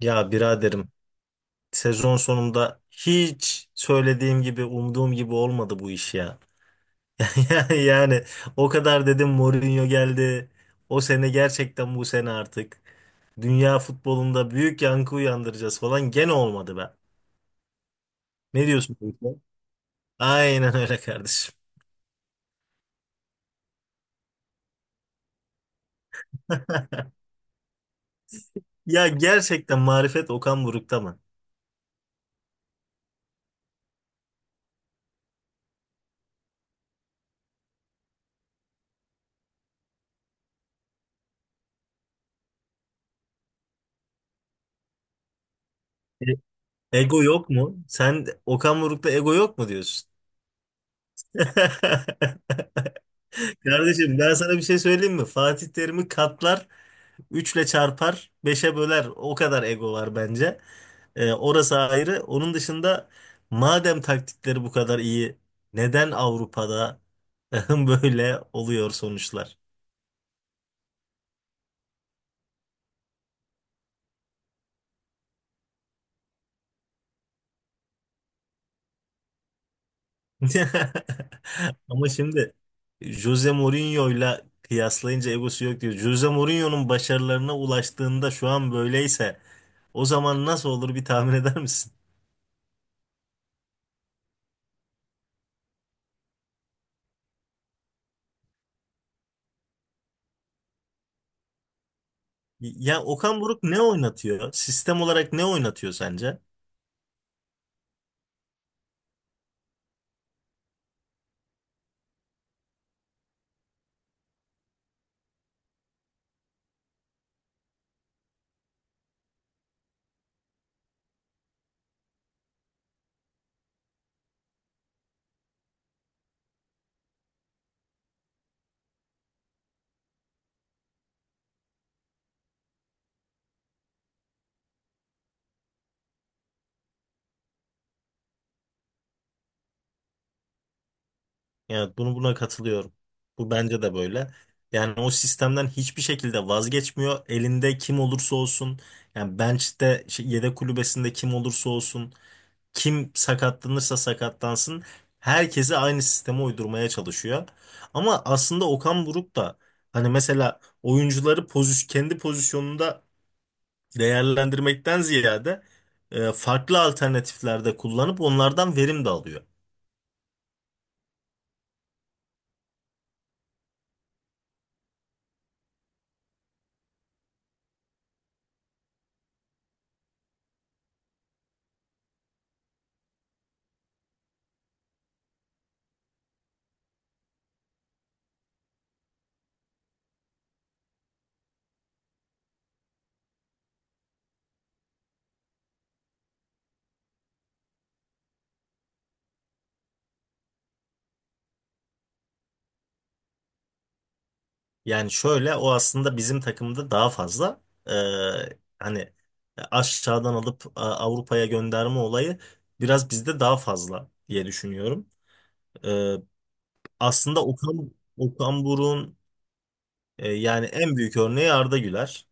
Ya biraderim sezon sonunda hiç söylediğim gibi umduğum gibi olmadı bu iş ya. Yani, o kadar dedim Mourinho geldi. O sene gerçekten bu sene artık dünya futbolunda büyük yankı uyandıracağız falan gene olmadı be. Ne diyorsun bu işe? Aynen öyle kardeşim. Ya gerçekten marifet Okan Buruk'ta mı? E- Ego yok mu? Sen Okan Buruk'ta ego yok mu diyorsun? Kardeşim ben sana bir şey söyleyeyim mi? Fatih Terim'i katlar, üçle çarpar, beşe böler. O kadar ego var bence. Orası ayrı. Onun dışında madem taktikleri bu kadar iyi, neden Avrupa'da böyle oluyor sonuçlar? Ama şimdi Jose Mourinho'yla kıyaslayınca egosu yok diyor. Jose Mourinho'nun başarılarına ulaştığında şu an böyleyse o zaman nasıl olur bir tahmin eder misin? Ya Okan Buruk ne oynatıyor? Sistem olarak ne oynatıyor sence? Yani bunu buna katılıyorum. Bu bence de böyle. Yani o sistemden hiçbir şekilde vazgeçmiyor. Elinde kim olursa olsun, yani bench'te şey, yedek kulübesinde kim olursa olsun, kim sakatlanırsa sakatlansın, herkese aynı sisteme uydurmaya çalışıyor. Ama aslında Okan Buruk da hani mesela oyuncuları kendi pozisyonunda değerlendirmekten ziyade farklı alternatiflerde kullanıp onlardan verim de alıyor. Yani şöyle o aslında bizim takımda daha fazla e, hani aşağıdan alıp Avrupa'ya gönderme olayı biraz bizde daha fazla diye düşünüyorum. E, aslında Okan Buruk'un yani en büyük örneği Arda Güler.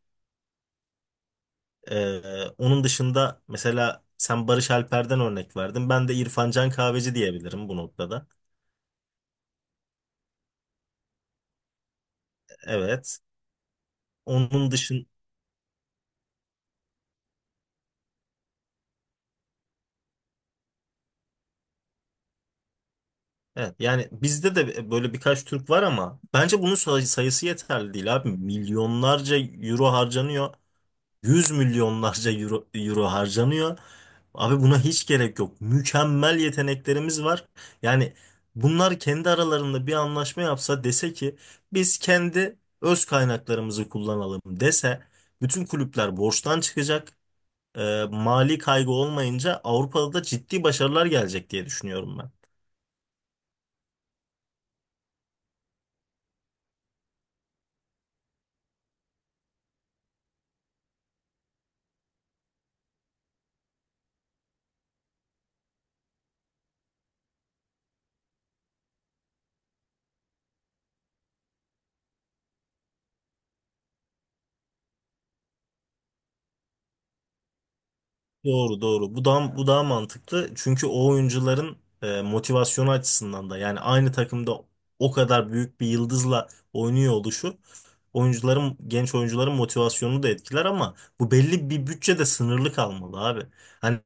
E, onun dışında mesela sen Barış Alper'den örnek verdin. Ben de İrfan Can Kahveci diyebilirim bu noktada. Evet. Onun dışın Evet, yani bizde de böyle birkaç Türk var ama bence bunun sayısı yeterli değil abi. Milyonlarca euro harcanıyor. Yüz milyonlarca euro harcanıyor. Abi buna hiç gerek yok. Mükemmel yeteneklerimiz var. Yani bunlar kendi aralarında bir anlaşma yapsa dese ki biz kendi öz kaynaklarımızı kullanalım dese bütün kulüpler borçtan çıkacak. Mali kaygı olmayınca Avrupa'da da ciddi başarılar gelecek diye düşünüyorum ben. Doğru doğru. Bu daha mantıklı. Çünkü o oyuncuların motivasyonu açısından da yani aynı takımda o kadar büyük bir yıldızla oynuyor oluşu oyuncuların genç oyuncuların motivasyonunu da etkiler ama bu belli bir bütçede sınırlı kalmalı abi. Hani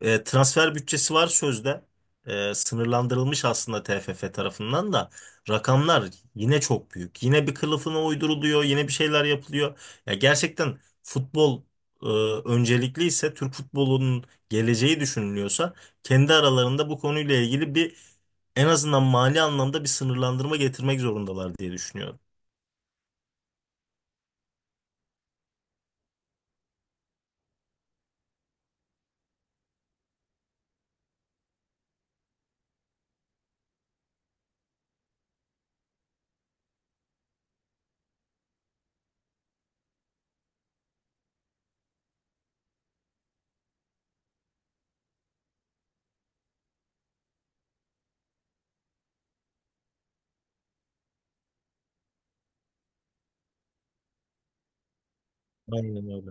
transfer bütçesi var sözde. Sınırlandırılmış aslında TFF tarafından da rakamlar yine çok büyük. Yine bir kılıfına uyduruluyor, yine bir şeyler yapılıyor. Ya gerçekten futbol e, öncelikli ise Türk futbolunun geleceği düşünülüyorsa kendi aralarında bu konuyla ilgili bir en azından mali anlamda bir sınırlandırma getirmek zorundalar diye düşünüyorum. Aynen öyle.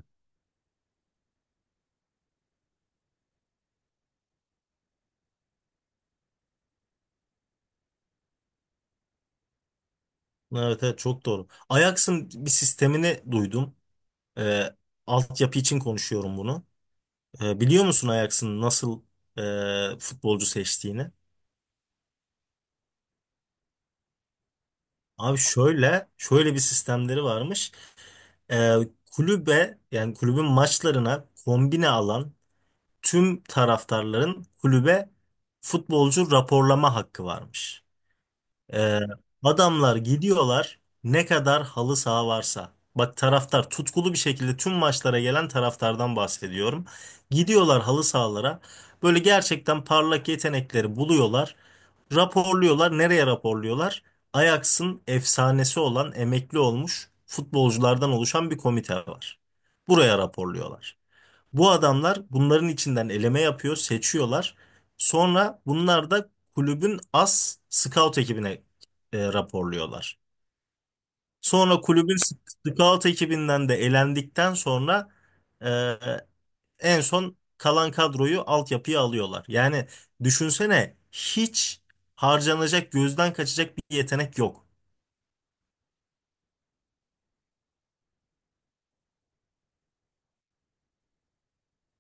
Evet, evet çok doğru. Ajax'ın bir sistemini duydum. E, altyapı için konuşuyorum bunu. Biliyor musun Ajax'ın nasıl futbolcu seçtiğini? Abi şöyle bir sistemleri varmış. E, kulübe yani kulübün maçlarına kombine alan tüm taraftarların kulübe futbolcu raporlama hakkı varmış. Ee, adamlar gidiyorlar ne kadar halı saha varsa. Bak taraftar tutkulu bir şekilde tüm maçlara gelen taraftardan bahsediyorum. Gidiyorlar halı sahalara. Böyle gerçekten parlak yetenekleri buluyorlar. Raporluyorlar. Nereye raporluyorlar? Ajax'ın efsanesi olan emekli olmuş futbolculardan oluşan bir komite var. Buraya raporluyorlar. Bu adamlar bunların içinden eleme yapıyor, seçiyorlar. Sonra bunlar da kulübün as scout ekibine raporluyorlar. Sonra kulübün scout ekibinden de elendikten sonra e, en son kalan kadroyu altyapıya alıyorlar. Yani düşünsene hiç harcanacak, gözden kaçacak bir yetenek yok.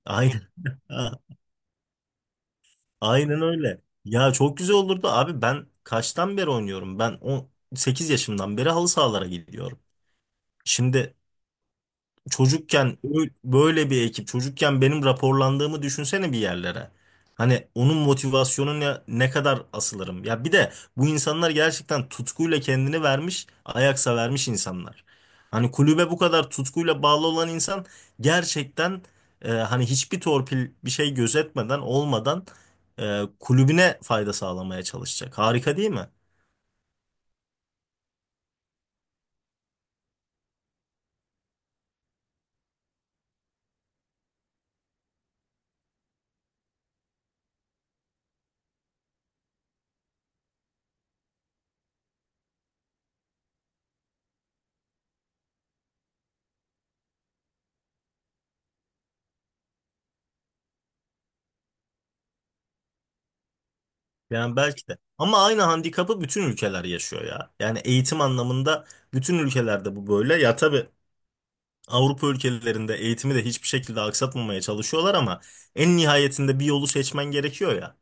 Aynen. Aynen öyle. Ya çok güzel olurdu abi ben kaçtan beri oynuyorum? Ben 18 yaşımdan beri halı sahalara gidiyorum. Şimdi çocukken böyle bir ekip, çocukken benim raporlandığımı düşünsene bir yerlere. Hani onun motivasyonuna ne kadar asılırım. Ya bir de bu insanlar gerçekten tutkuyla kendini vermiş, ayaksa vermiş insanlar. Hani kulübe bu kadar tutkuyla bağlı olan insan gerçekten hani hiçbir torpil bir şey gözetmeden olmadan kulübüne fayda sağlamaya çalışacak. Harika değil mi? Yani belki de. Ama aynı handikapı bütün ülkeler yaşıyor ya. Yani eğitim anlamında bütün ülkelerde bu böyle. Ya tabii Avrupa ülkelerinde eğitimi de hiçbir şekilde aksatmamaya çalışıyorlar ama en nihayetinde bir yolu seçmen gerekiyor ya.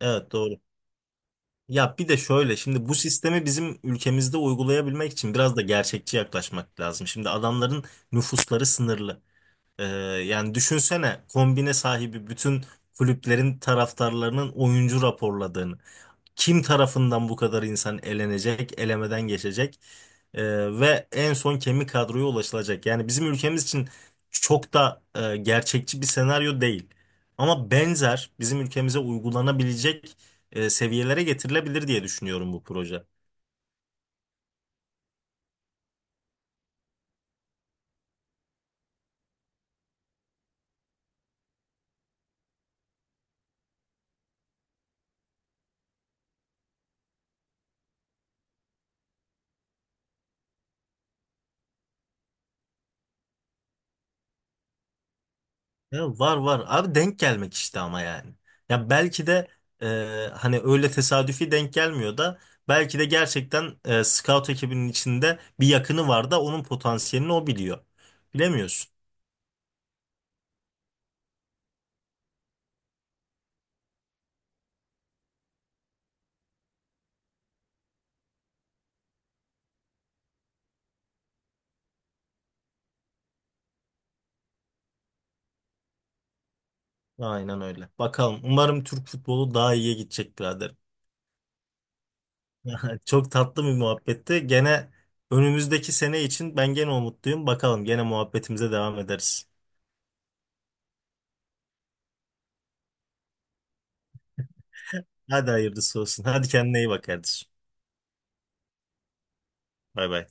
Evet doğru. Ya bir de şöyle şimdi bu sistemi bizim ülkemizde uygulayabilmek için biraz da gerçekçi yaklaşmak lazım. Şimdi adamların nüfusları sınırlı. Ee, Yani düşünsene kombine sahibi bütün kulüplerin taraftarlarının oyuncu raporladığını. Kim tarafından bu kadar insan elenecek, elemeden geçecek? Ee, Ve en son kemik kadroya ulaşılacak. Yani bizim ülkemiz için çok da gerçekçi bir senaryo değil. Ama benzer bizim ülkemize uygulanabilecek seviyelere getirilebilir diye düşünüyorum bu proje. Ya var var. Abi denk gelmek işte ama yani. Ya belki de e, hani öyle tesadüfi denk gelmiyor da belki de gerçekten scout ekibinin içinde bir yakını var da onun potansiyelini o biliyor. Bilemiyorsun. Aynen öyle. Bakalım. Umarım Türk futbolu daha iyiye gidecek birader. Çok tatlı bir muhabbetti. Gene önümüzdeki sene için ben gene umutluyum. Bakalım gene muhabbetimize devam ederiz. Hadi hayırlısı olsun. Hadi kendine iyi bak kardeşim. Bay bay.